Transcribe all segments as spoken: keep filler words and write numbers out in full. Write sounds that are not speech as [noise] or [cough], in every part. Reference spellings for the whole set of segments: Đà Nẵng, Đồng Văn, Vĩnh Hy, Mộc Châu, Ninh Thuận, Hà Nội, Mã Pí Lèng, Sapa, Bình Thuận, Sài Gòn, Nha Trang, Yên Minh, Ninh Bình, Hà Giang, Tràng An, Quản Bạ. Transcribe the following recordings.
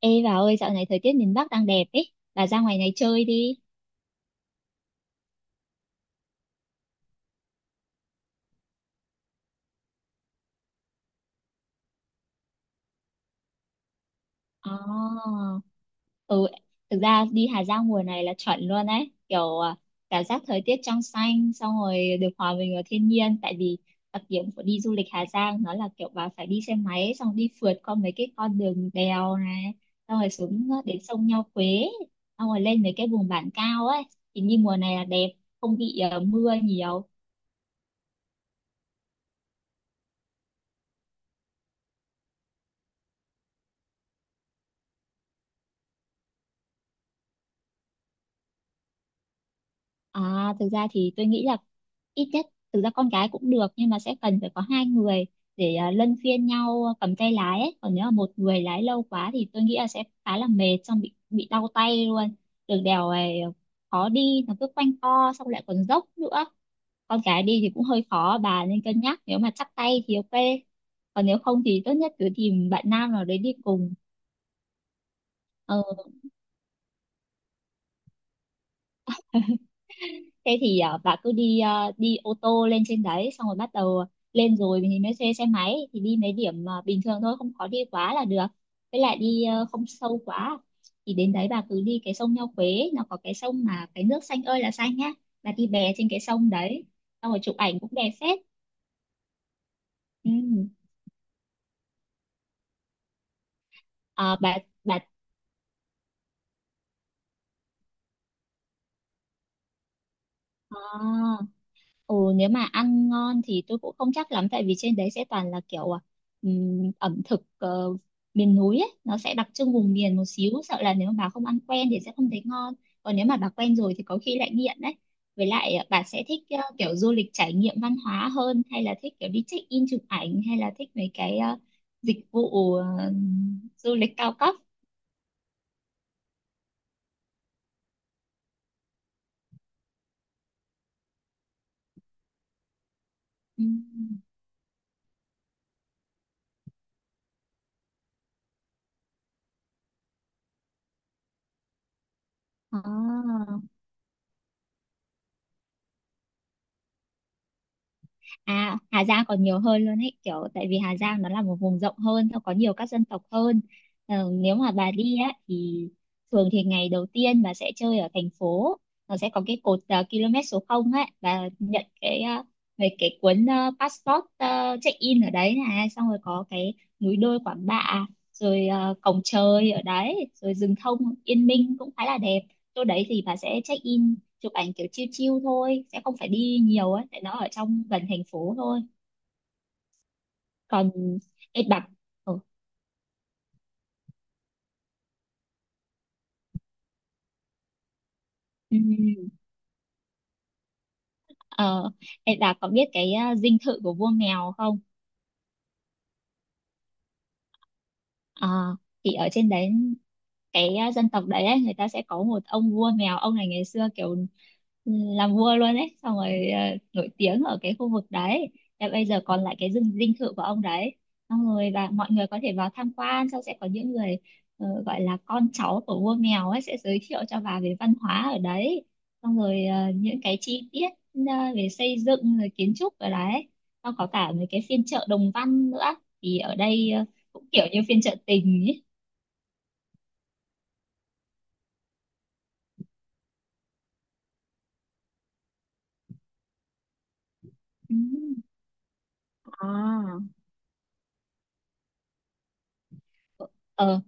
Ê bà ơi, dạo này thời tiết miền Bắc đang đẹp ấy, bà ra ngoài này chơi đi. Ồ, ừ, thực ra đi Hà Giang mùa này là chuẩn luôn ấy, kiểu à, cảm giác thời tiết trong xanh, xong rồi được hòa mình vào thiên nhiên, tại vì đặc điểm của đi du lịch Hà Giang nó là kiểu bà phải đi xe máy, xong đi phượt qua mấy cái con đường đèo này, xong rồi xuống ờ, đến sông Nho Quế, xong rồi lên mấy cái vùng bản cao ấy, thì đi mùa này là đẹp, không bị à, mưa nhiều. À, thực ra thì tôi nghĩ là ít nhất thực ra con gái cũng được nhưng mà sẽ cần phải có hai người để à, luân phiên nhau cầm tay lái ấy. Còn nếu mà một người lái lâu quá thì tôi nghĩ là sẽ khá là mệt xong bị bị đau tay luôn. Đường đèo này khó đi, nó cứ quanh co xong lại còn dốc nữa. Con gái đi thì cũng hơi khó, bà nên cân nhắc, nếu mà chắp tay thì ok. Còn nếu không thì tốt nhất cứ tìm bạn nam nào đấy đi cùng. Ờ, Thế thì à, bà cứ đi à, đi ô tô lên trên đấy, xong rồi bắt đầu lên rồi thì mới thuê xe máy, thì đi mấy điểm à, bình thường thôi, không có đi quá là được, với lại đi à, không sâu quá, thì đến đấy bà cứ đi cái sông Nho Quế, nó có cái sông mà cái nước xanh ơi là xanh nhá, bà đi bè trên cái sông đấy, xong rồi chụp ảnh cũng đẹp phết. Ừ. à, bà bà ờ, Ừ, nếu mà ăn ngon thì tôi cũng không chắc lắm, tại vì trên đấy sẽ toàn là kiểu à, ừm, ẩm thực ờ, miền núi ấy, nó sẽ đặc trưng vùng miền một xíu, sợ là nếu mà bà không ăn quen thì sẽ không thấy ngon, còn nếu mà bà quen rồi thì có khi lại nghiện đấy. Với lại ờ, bà sẽ thích ờ, kiểu du lịch trải nghiệm văn hóa hơn, hay là thích kiểu đi check in chụp ảnh, hay là thích mấy cái ờ, dịch vụ ờ, du lịch cao cấp? Ừm. À. à Hà Giang còn nhiều hơn luôn ấy, kiểu tại vì Hà Giang nó là một vùng rộng hơn, nó có nhiều các dân tộc hơn. Ờ, nếu mà bà đi á thì thường thì ngày đầu tiên bà sẽ chơi ở thành phố, nó sẽ có cái cột ờ, km số không ấy, và nhận cái ờ, về cái cuốn ờ, passport ờ, check in ở đấy này, xong rồi có cái núi đôi Quản Bạ, rồi ờ, cổng trời ở đấy, rồi rừng thông Yên Minh cũng khá là đẹp. Chỗ đấy thì bà sẽ check in chụp ảnh kiểu chill chill thôi, sẽ không phải đi nhiều ấy, tại nó ở trong gần thành phố thôi. Còn Ê Bà ừ. ờ, Ê, có biết cái à, dinh thự của vua mèo không? Ờ, thì ở trên đấy cái à, dân tộc đấy ấy, người ta sẽ có một ông vua mèo, ông này ngày xưa kiểu ừ, làm vua luôn ấy, xong rồi à, nổi tiếng ở cái khu vực đấy. Và bây giờ còn lại cái dinh dinh thự của ông đấy, xong rồi và mọi người có thể vào tham quan, xong sẽ có những người ờ, gọi là con cháu của vua mèo ấy, sẽ giới thiệu cho bà về văn hóa ở đấy, xong rồi ờ, những cái chi tiết ờ, về xây dựng rồi kiến trúc ở đấy, xong có cả mấy cái phiên chợ Đồng Văn nữa, thì ở đây ờ, cũng kiểu như phiên chợ tình ấy. Ừ. À. Ờ,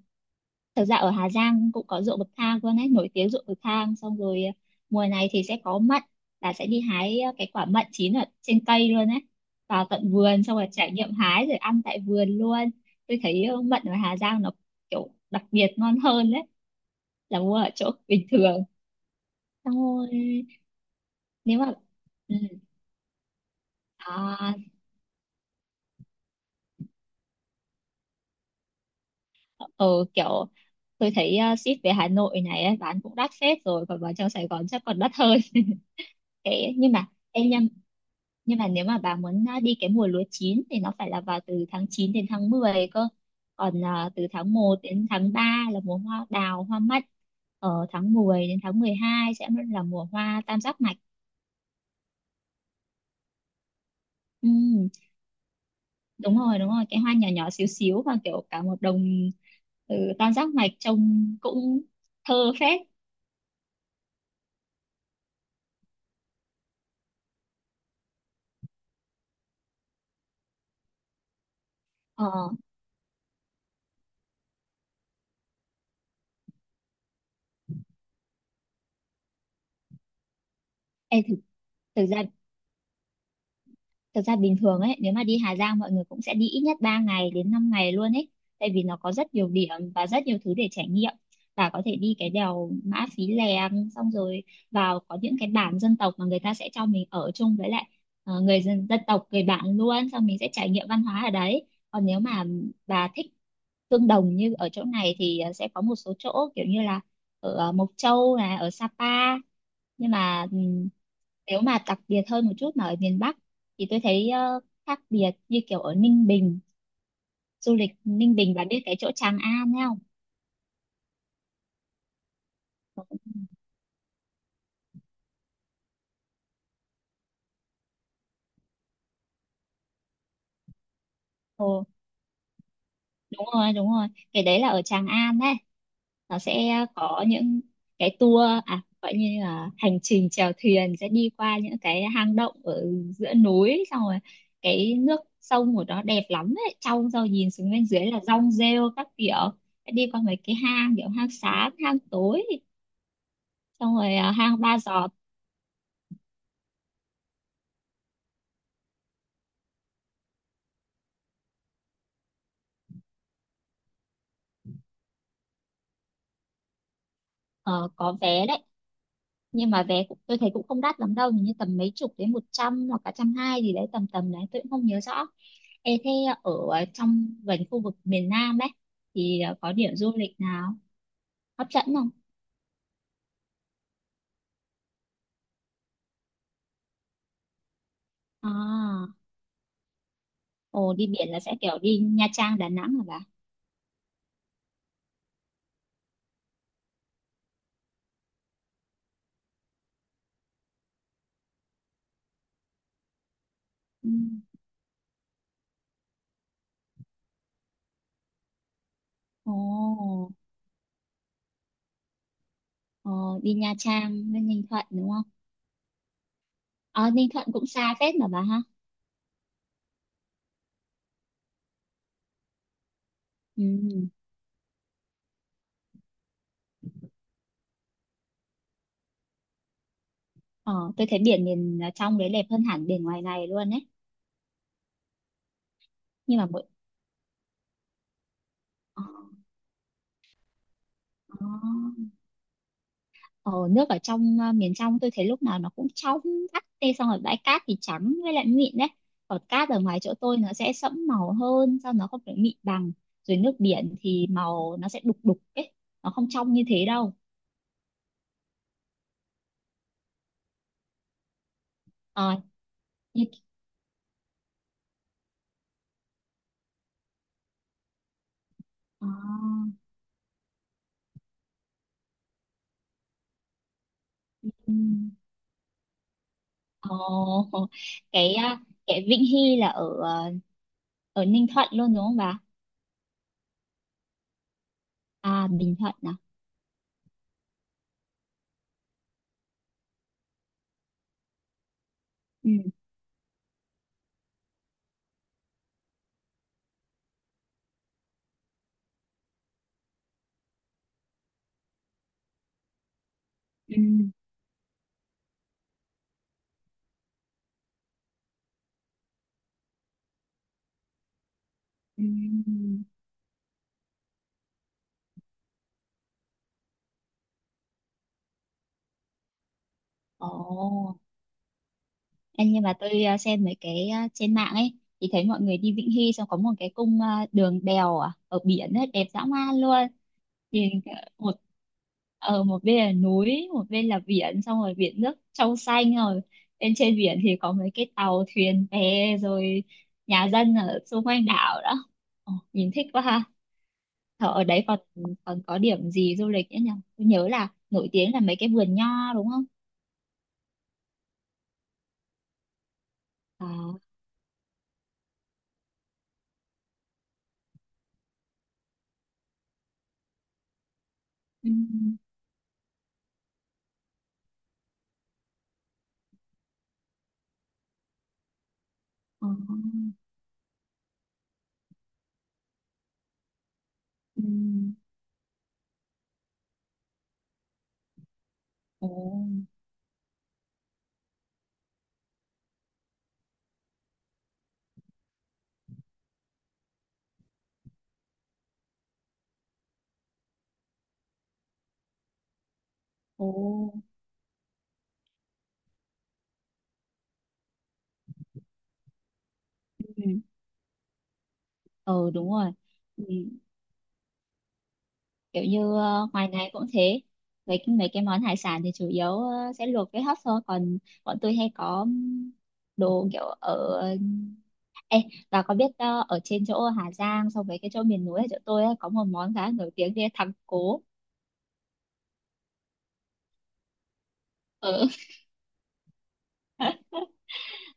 Thật ra ở Hà Giang cũng có ruộng bậc thang luôn ấy, nổi tiếng ruộng bậc thang. Xong rồi ờ, mùa này thì sẽ có mận, là sẽ đi hái ờ, cái quả mận chín ở trên cây luôn ấy. Vào tận vườn xong rồi trải nghiệm hái rồi ăn tại vườn luôn. Tôi thấy ờ, mận ở Hà Giang nó kiểu đặc biệt ngon hơn đấy, là mua ở chỗ [laughs] bình thường. Xong rồi nếu mà ừ, à, ờ, kiểu tôi thấy ờ, ship về Hà Nội này ấy, bán cũng đắt phết rồi, còn vào trong Sài Gòn chắc còn đắt hơn. Thế nhưng mà em nha, nhưng mà nếu mà bà muốn à, đi cái mùa lúa chín thì nó phải là vào từ tháng chín đến tháng mười cơ, còn à, từ tháng một đến tháng ba là mùa hoa đào hoa mắt, ở tháng mười đến tháng mười hai sẽ là mùa hoa tam giác mạch. ừ, Đúng rồi, đúng rồi, cái hoa nhỏ nhỏ xíu xíu, và kiểu cả một đồng ừ, tam giác mạch trông cũng thơ phết. Ờ, ê, thực, thực ra Thực ra bình thường ấy, nếu mà đi Hà Giang mọi người cũng sẽ đi ít nhất ba ngày đến năm ngày luôn ấy. Tại vì nó có rất nhiều điểm và rất nhiều thứ để trải nghiệm. Và có thể đi cái đèo Mã Pí Lèng, xong rồi vào có những cái bản dân tộc mà người ta sẽ cho mình ở chung với lại ờ, người dân, dân tộc, người bản luôn. Xong mình sẽ trải nghiệm văn hóa ở đấy. Còn nếu mà bà thích tương đồng như ở chỗ này thì ờ, sẽ có một số chỗ kiểu như là ở ờ, Mộc Châu này, ở Sapa. Nhưng mà ừm, nếu mà đặc biệt hơn một chút mà ở miền Bắc thì tôi thấy ờ, khác biệt như kiểu ở Ninh Bình. Du lịch Ninh Bình, bạn biết cái chỗ Tràng An ấy không? Ồ, đúng rồi, đúng rồi, cái đấy là ở Tràng An đấy, nó sẽ có những cái tour à gọi như là hành trình chèo thuyền, sẽ đi qua những cái hang động ở giữa núi, xong rồi cái nước sông của nó đẹp lắm đấy, trong rồi nhìn xuống bên dưới là rong rêu các kiểu, đi qua mấy cái hang kiểu hang sáng hang tối, xong rồi à, hang ba giọt. ờ, có vé đấy, nhưng mà vé cũng, tôi thấy cũng không đắt lắm đâu, hình như tầm mấy chục đến một trăm, hoặc cả trăm hai gì đấy, tầm tầm đấy tôi cũng không nhớ rõ. Ê, thế ở ờ, trong gần khu vực miền Nam ấy thì ờ, có điểm du lịch nào hấp dẫn không? à Ồ, đi biển là sẽ kiểu đi Nha Trang Đà Nẵng hả bà? Ừ. ồ ờ, Đi Nha Trang với Ninh Thuận đúng không? ờ Ninh Thuận cũng xa phết mà bà ha. Ừ. ờ tôi thấy biển miền trong đấy đẹp hơn hẳn biển ngoài này luôn ấy, nhưng mà mỗi ờ, ờ. Ờ, nước ở trong ờ, miền trong tôi thấy lúc nào nó cũng trongắt tê, xong rồi bãi cát thì trắng với lại mịn đấy, còn cát ở ngoài chỗ tôi nó sẽ sẫm màu hơn sao, nó không phải mịn bằng, rồi nước biển thì màu nó sẽ đục đục ấy, nó không trong như thế đâu. ờ như ờ, ừm, ờ, [laughs] cái ờ, cái Vĩnh Hy là ở ờ, ở Ninh Thuận luôn đúng không bà? À, Bình Thuận à? Ừ. Ừ. Ừ. Ồ. Em nhưng mà tôi à, xem mấy cái à, trên mạng ấy thì thấy mọi người đi Vĩnh Hy xong có một cái cung à, đường đèo à, ở biển ấy, đẹp dã man luôn. Thì ờ, một ở một bên là núi, một bên là biển, xong rồi biển nước trong xanh, rồi bên trên biển thì có mấy cái tàu thuyền bè, rồi nhà dân ở xung quanh đảo đó. Ồ, nhìn thích quá ha. Thở ở đấy còn còn có điểm gì du lịch nữa nhỉ? Tôi nhớ là nổi tiếng là mấy cái vườn nho đúng không? À. Ừ. ờ, ừ. Ồ. Ồ. Ừ. Ừ, đúng rồi. Ừ. Kiểu như ờ, ngoài này cũng thế. Mấy, mấy cái món hải sản thì chủ yếu ờ, sẽ luộc với hấp thôi. Còn bọn tôi hay có ừm, đồ kiểu ở... Ê, và có biết ờ, ở trên chỗ Hà Giang so với cái chỗ miền núi ở chỗ tôi ấy, có một món khá nổi tiếng kia, thắng cố. Ừ. [laughs]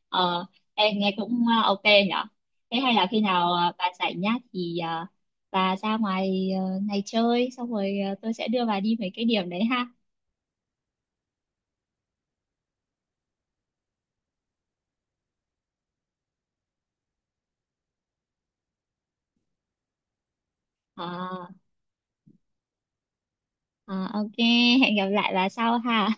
Ờ, em nghe cũng ờ, ok nhở. Thế hay là khi nào ờ, bà rảnh nhá, thì ờ, bà ra ngoài ờ, này chơi, xong rồi ờ, tôi sẽ đưa bà đi mấy cái điểm đấy ha. Ờ, ờ, ok, hẹn gặp lại bà sau ha.